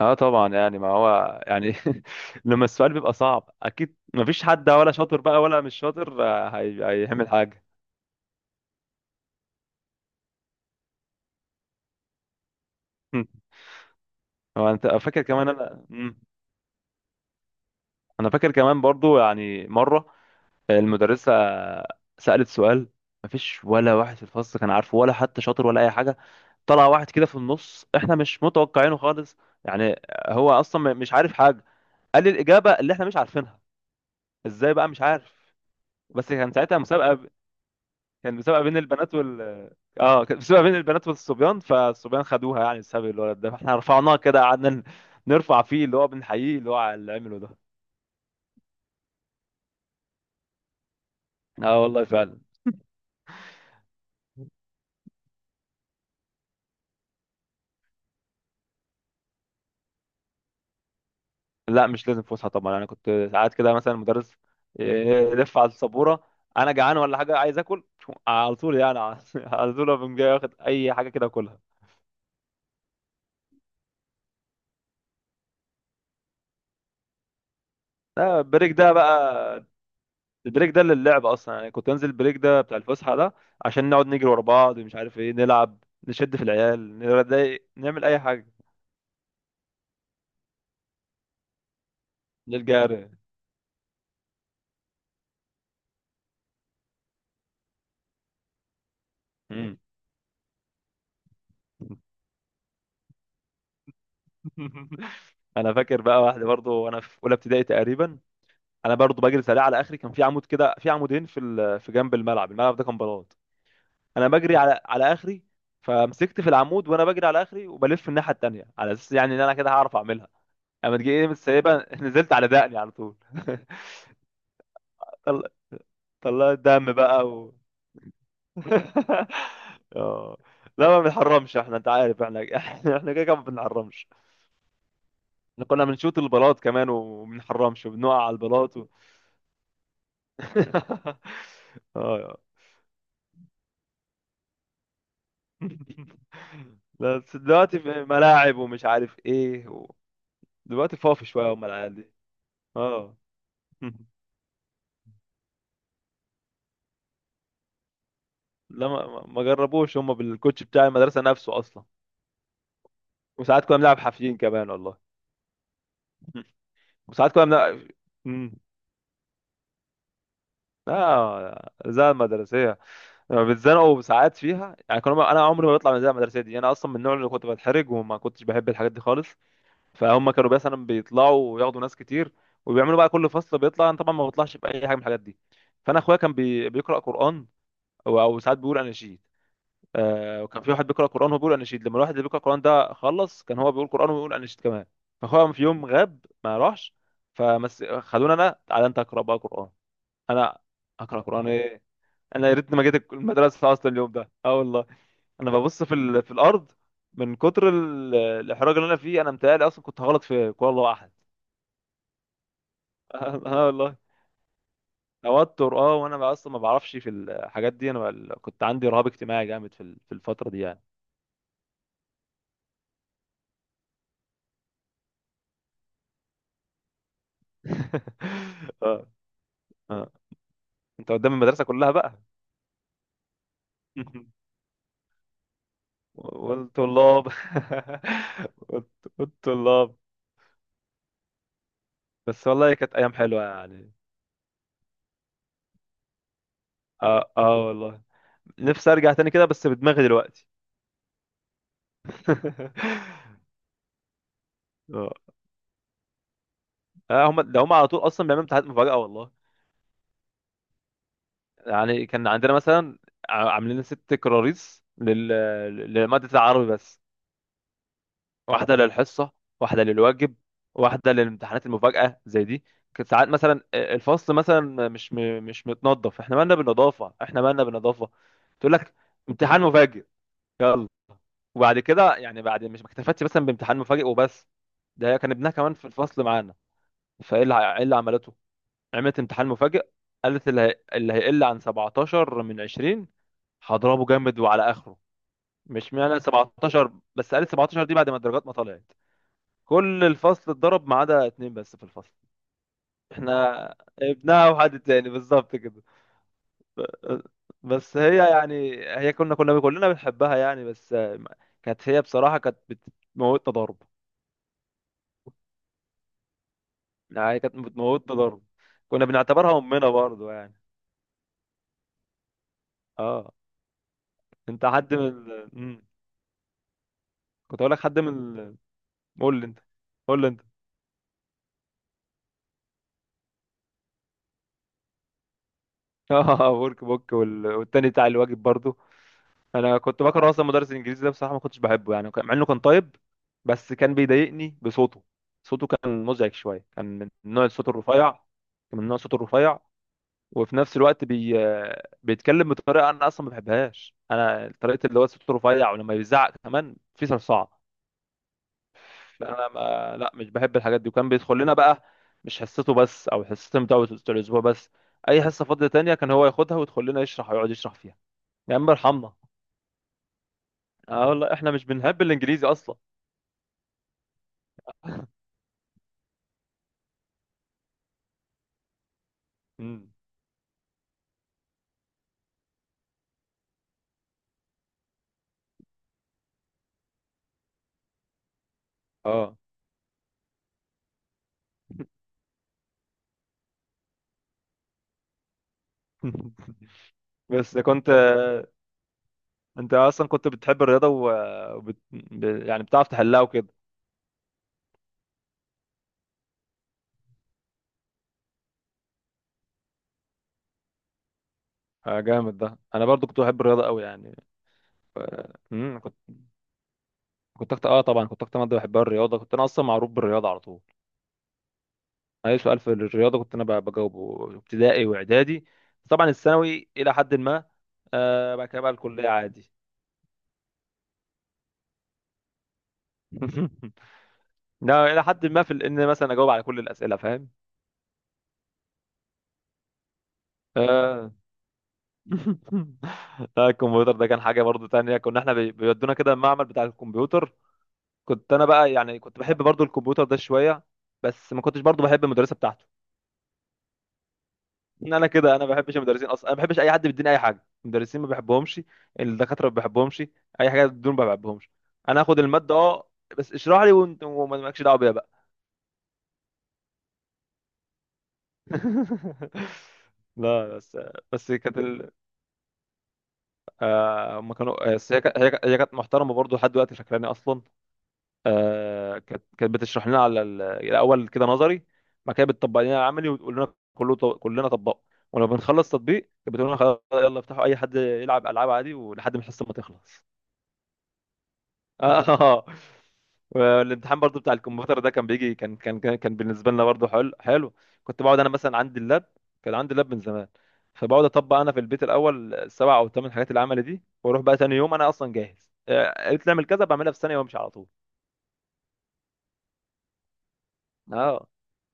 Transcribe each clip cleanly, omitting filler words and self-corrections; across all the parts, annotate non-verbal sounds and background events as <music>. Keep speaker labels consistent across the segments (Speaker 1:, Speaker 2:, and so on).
Speaker 1: اه طبعا يعني ما هو يعني <laughs> لما السؤال بيبقى صعب اكيد ما فيش حد ولا شاطر بقى ولا مش شاطر، هيعمل حاجه. <laughs> هو انت فاكر كمان انا انا فاكر كمان برضو يعني مره المدرسه سالت سؤال، ما فيش ولا واحد في الفصل كان عارفه ولا حتى شاطر ولا اي حاجه. طلع واحد كده في النص احنا مش متوقعينه خالص، يعني هو اصلا مش عارف حاجه. قال لي الاجابه اللي احنا مش عارفينها. ازاي بقى مش عارف؟ بس كان ساعتها مسابقه، كان مسابقه بين البنات. اه كانت بتبقى بين البنات والصبيان، فالصبيان خدوها يعني بسبب الولد ده، فاحنا رفعناه كده قعدنا نرفع فيه، اللي هو بنحييه اللي هو على اللي عمله ده. اه والله فعلا. لا مش لازم فسحه طبعا، انا كنت ساعات كده مثلا المدرس يلف على السبوره، انا جعان ولا حاجه عايز اكل على طول يعني، على <laughs> على طول أقوم جاي واخد اي حاجه كده اكلها. لا البريك ده بقى، البريك ده للعب اصلا، يعني كنت انزل البريك ده بتاع الفسحه ده عشان نقعد نجري ورا بعض، مش عارف ايه، نلعب، نشد في العيال، نضايق، نعمل اي حاجه. للجار. مم. <laughs> انا فاكر بقى واحده برضو وانا في اولى ابتدائي تقريبا، انا برضو بجري سريع على اخري، كان في عمود كده، في عمودين في في جنب الملعب، الملعب ده كان بلاط. انا بجري على اخري، فمسكت في العمود وانا بجري على اخري وبلف الناحيه التانيه على اساس يعني ان انا كده هعرف اعملها. اما تجي ايه مش سايبها <laughs> نزلت على دقني على طول. <laughs> طل... طلعت دم بقى و... <laughs> آه. لا ما بنحرمش احنا، انت عارف احنا <laughs> احنا كده كده ما بنحرمش، احنا كنا بنشوط البلاط كمان وما بنحرمش وبنقع على البلاط. <laughs> اه. <laughs> بس دلوقتي في ملاعب ومش عارف ايه و... دلوقتي فاضي شويه هم العيال دي. اه. <laughs> لا ما جربوش هم بالكوتش بتاع المدرسه نفسه اصلا. وساعات كنا بنلعب حافيين كمان والله. <laughs> وساعات كنا بنلعب <laughs> امم اه الإذاعة المدرسية، لما بيتزنقوا ساعات فيها يعني، كنا انا عمري ما بطلع من الإذاعة المدرسية دي، انا اصلا من النوع اللي كنت بتحرج وما كنتش بحب الحاجات دي خالص. فهم كانوا مثلا بيطلعوا وياخدوا ناس كتير، وبيعملوا بقى كل فصل بيطلع، انا طبعا ما بطلعش باي حاجه من الحاجات دي. فانا اخويا كان بيقرا قران، او ساعات بيقول اناشيد. آه وكان في واحد بيقرا قران وبيقول اناشيد، لما الواحد اللي بيقرا قران ده خلص كان هو بيقول قران ويقول اناشيد كمان. فاخويا في يوم غاب ما راحش، فمس خدوني انا، تعالى انت اقرا بقى قران. انا اقرا قران ايه؟ انا يا ريتني ما جيت المدرسه اصلا اليوم ده، اه والله. انا ببص في في الارض من كتر الاحراج اللي انا فيه، انا متهيألي اصلا كنت هغلط في قول الله احد. اه آه والله. توتر اه، وانا بقى اصلا ما بعرفش في الحاجات دي، كنت عندي رهاب اجتماعي جامد في في الفتره دي يعني. <laughs> اه. اه انت قدام المدرسه كلها بقى. <laughs> والطلاب. <laughs> والطلاب. بس والله كانت ايام حلوه يعني. اه اه والله، نفسي ارجع تاني كده بس بدماغي دلوقتي. <laughs> اه. آه، هم على طول اصلا بيعملوا امتحانات مفاجاه والله. يعني كان عندنا مثلا عاملين ست كراريس لمادة العربي بس. واحدة للحصة، واحدة للواجب، واحدة للامتحانات المفاجأة زي دي. كانت ساعات مثلا الفصل مثلا مش متنظف. احنا مالنا بالنظافة، احنا مالنا بالنظافة؟ تقول لك امتحان مفاجئ، يلا. وبعد كده يعني، بعد مش ما اكتفتش مثلا بامتحان مفاجئ وبس، ده كان ابنها كمان في الفصل معانا. إيه اللي عملته؟ عملت امتحان مفاجئ، قالت اللي هيقل عن 17 من 20 هضربه جامد وعلى اخره. مش معنى 17 بس، قال 17 دي بعد ما الدرجات ما طلعت، كل الفصل اتضرب ما عدا اتنين بس في الفصل. احنا ابنها وحد تاني بالظبط كده. ب- بس هي يعني، هي كنا كنا كلنا بنحبها يعني، بس كانت هي بصراحة كانت بتموتنا ضرب، يعني كانت بتموتنا ضرب. كنا بنعتبرها امنا برضو يعني. اه انت حد من ال... مم. كنت اقول لك حد من ال... قول لي انت، قول لي انت. <laughs> اه ورك بوك والتاني بتاع الواجب برضو. انا كنت بكره اصلا مدرس الانجليزي ده بصراحه، ما كنتش بحبه يعني، مع انه كان طيب بس كان بيضايقني بصوته. صوته كان مزعج شويه، كان من نوع الصوت الرفيع. كان من نوع الصوت الرفيع وفي نفس الوقت بيتكلم بطريقه انا اصلا ما بحبهاش، انا طريقه اللي هو صوته رفيع ولما بيزعق كمان في صرصعه. فانا ما... لا مش بحب الحاجات دي، وكان بيدخل لنا بقى مش حصته بس او حصتين بتوع الاسبوع بس، اي حصه فاضيه تانية كان هو ياخدها ويدخل لنا يشرح ويقعد يشرح فيها. يا عم ارحمنا. اه والله احنا مش بنحب الانجليزي اصلا. مم. اه. <laughs> بس كنت، انت اصلا كنت بتحب الرياضه يعني بتعرف تحلها وكده. آه، جامد، ده انا برضو كنت بحب الرياضه قوي يعني. ف... مم، كنت كنت اكتر، اه طبعا كنت اكتر ماده بحبها الرياضه، كنت انا اصلا معروف بالرياضه على طول. اي سؤال في الرياضه كنت انا بجاوبه، ابتدائي واعدادي، طبعا الثانوي الى حد ما. آه بعد كده بقى الكليه عادي. <laughs> لا الى حد ما في ان مثلا اجاوب على كل الاسئله فاهم. آه. <laughs> لا الكمبيوتر ده كان حاجة برضو تانية. كنا احنا بيودونا كده المعمل بتاع الكمبيوتر. كنت انا بقى يعني كنت بحب برضو الكمبيوتر ده شوية، بس ما كنتش برضو بحب المدرسة بتاعته. ان انا كده انا ما بحبش المدرسين اصلا، انا ما بحبش اي حد بيديني اي حاجة. المدرسين ما بحبهمش، الدكاترة ما بحبهمش، اي حاجة دول ما بحبهمش. انا اخد المادة اه، بس اشرح لي وانت وما لكش دعوة بيها بقى. <laughs> لا بس. بس كانت آه، هم كانوا، بس هي كانت هي كانت- هي كانت محترمة برضو لحد دلوقتي فاكراني اصلا. آه، كانت بتشرح لنا على الاول كده نظري. بعد كده بتطبق لنا العملي وتقول لنا كله، كلنا طبقوا، ولما بنخلص تطبيق كانت بتقول لنا خلاص يلا افتحوا، اي حد يلعب العاب عادي ولحد ما الحصه ما تخلص. <laughs> اه. والامتحان برضو بتاع الكمبيوتر ده كان بيجي، كان بالنسبه لنا برضو حلو حلو. كنت بقعد انا مثلا عندي اللاب، كان عندي اللاب من زمان، فبقعد اطبق انا في البيت الاول السبع او الثمان حاجات العملي دي، واروح بقى تاني يوم انا اصلا جاهز. آه، قالت لي اعمل كذا بعملها في ثانيه وامشي على طول. اه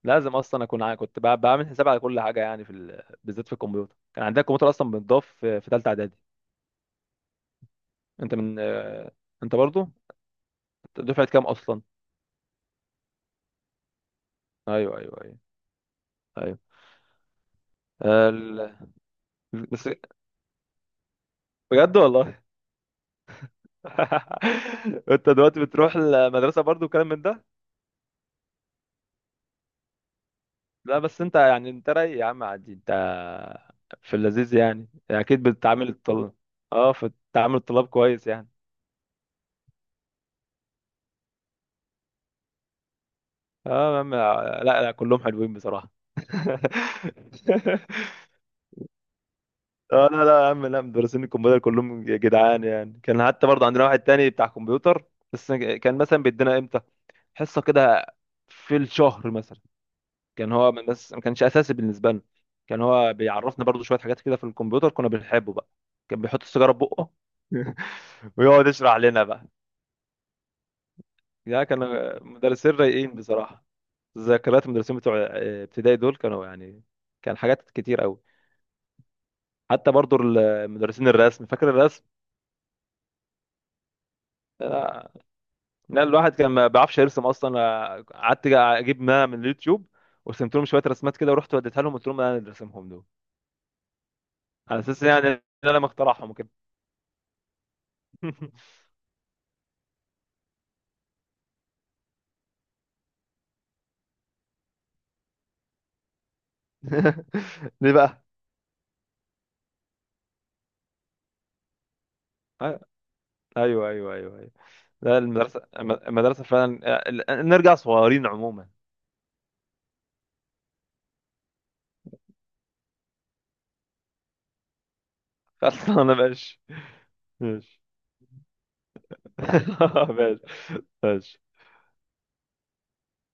Speaker 1: لازم اصلا اكون بعمل حساب على كل حاجه يعني في بالذات في الكمبيوتر. كان عندنا الكمبيوتر اصلا بنضاف في ثالثه اعدادي. انت من آه، انت برضو؟ أنت دفعه كام اصلا؟ ايوه ايوه ايوه ايوه. آه، ال... بس بجد والله. <laughs> انت دلوقتي بتروح المدرسه برضو وكلام من ده. لا بس انت يعني انت رايق يا عم عادي، انت في اللذيذ يعني اكيد بتتعامل الطلاب. اه في تعامل الطلاب كويس يعني. اه يا عم لا لا كلهم حلوين بصراحه. <laughs> اه لا لا يا عم، لا مدرسين الكمبيوتر كلهم جدعان يعني. كان حتى برضه عندنا واحد تاني بتاع كمبيوتر، بس كان مثلا بيدينا امتى حصه كده، في الشهر مثلا. كان هو من، بس ما كانش اساسي بالنسبه لنا. كان هو بيعرفنا برضه شويه حاجات كده في الكمبيوتر، كنا بنحبه بقى. كان بيحط السيجاره في بقه <laughs> ويقعد يشرح لنا بقى. يا كان، مدرسين رايقين بصراحه. ذكريات المدرسين بتوع آه، ابتدائي دول كانوا يعني، كان حاجات كتير قوي. حتى برضو مدرسين الرسم، فاكر الرسم؟ آه، لا الواحد كان ما بيعرفش يرسم اصلا، آه، قعدت اجيب ما من اليوتيوب ورسمت لهم شويه رسمات كده، ورحت وديتها لهم قلت لهم انا اللي رسمهم دول، على اساس يعني إن انا مخترعهم كده. <laughs> ليه بقى؟ آه، ايوه ايوه ايوه ايوه. لا المدرسه المدرسه فعلا آه، ال- نرجع صغيرين عموما. <laughs> اصلا انا ماشي. ماشي. <laughs> ماشي. ماشي.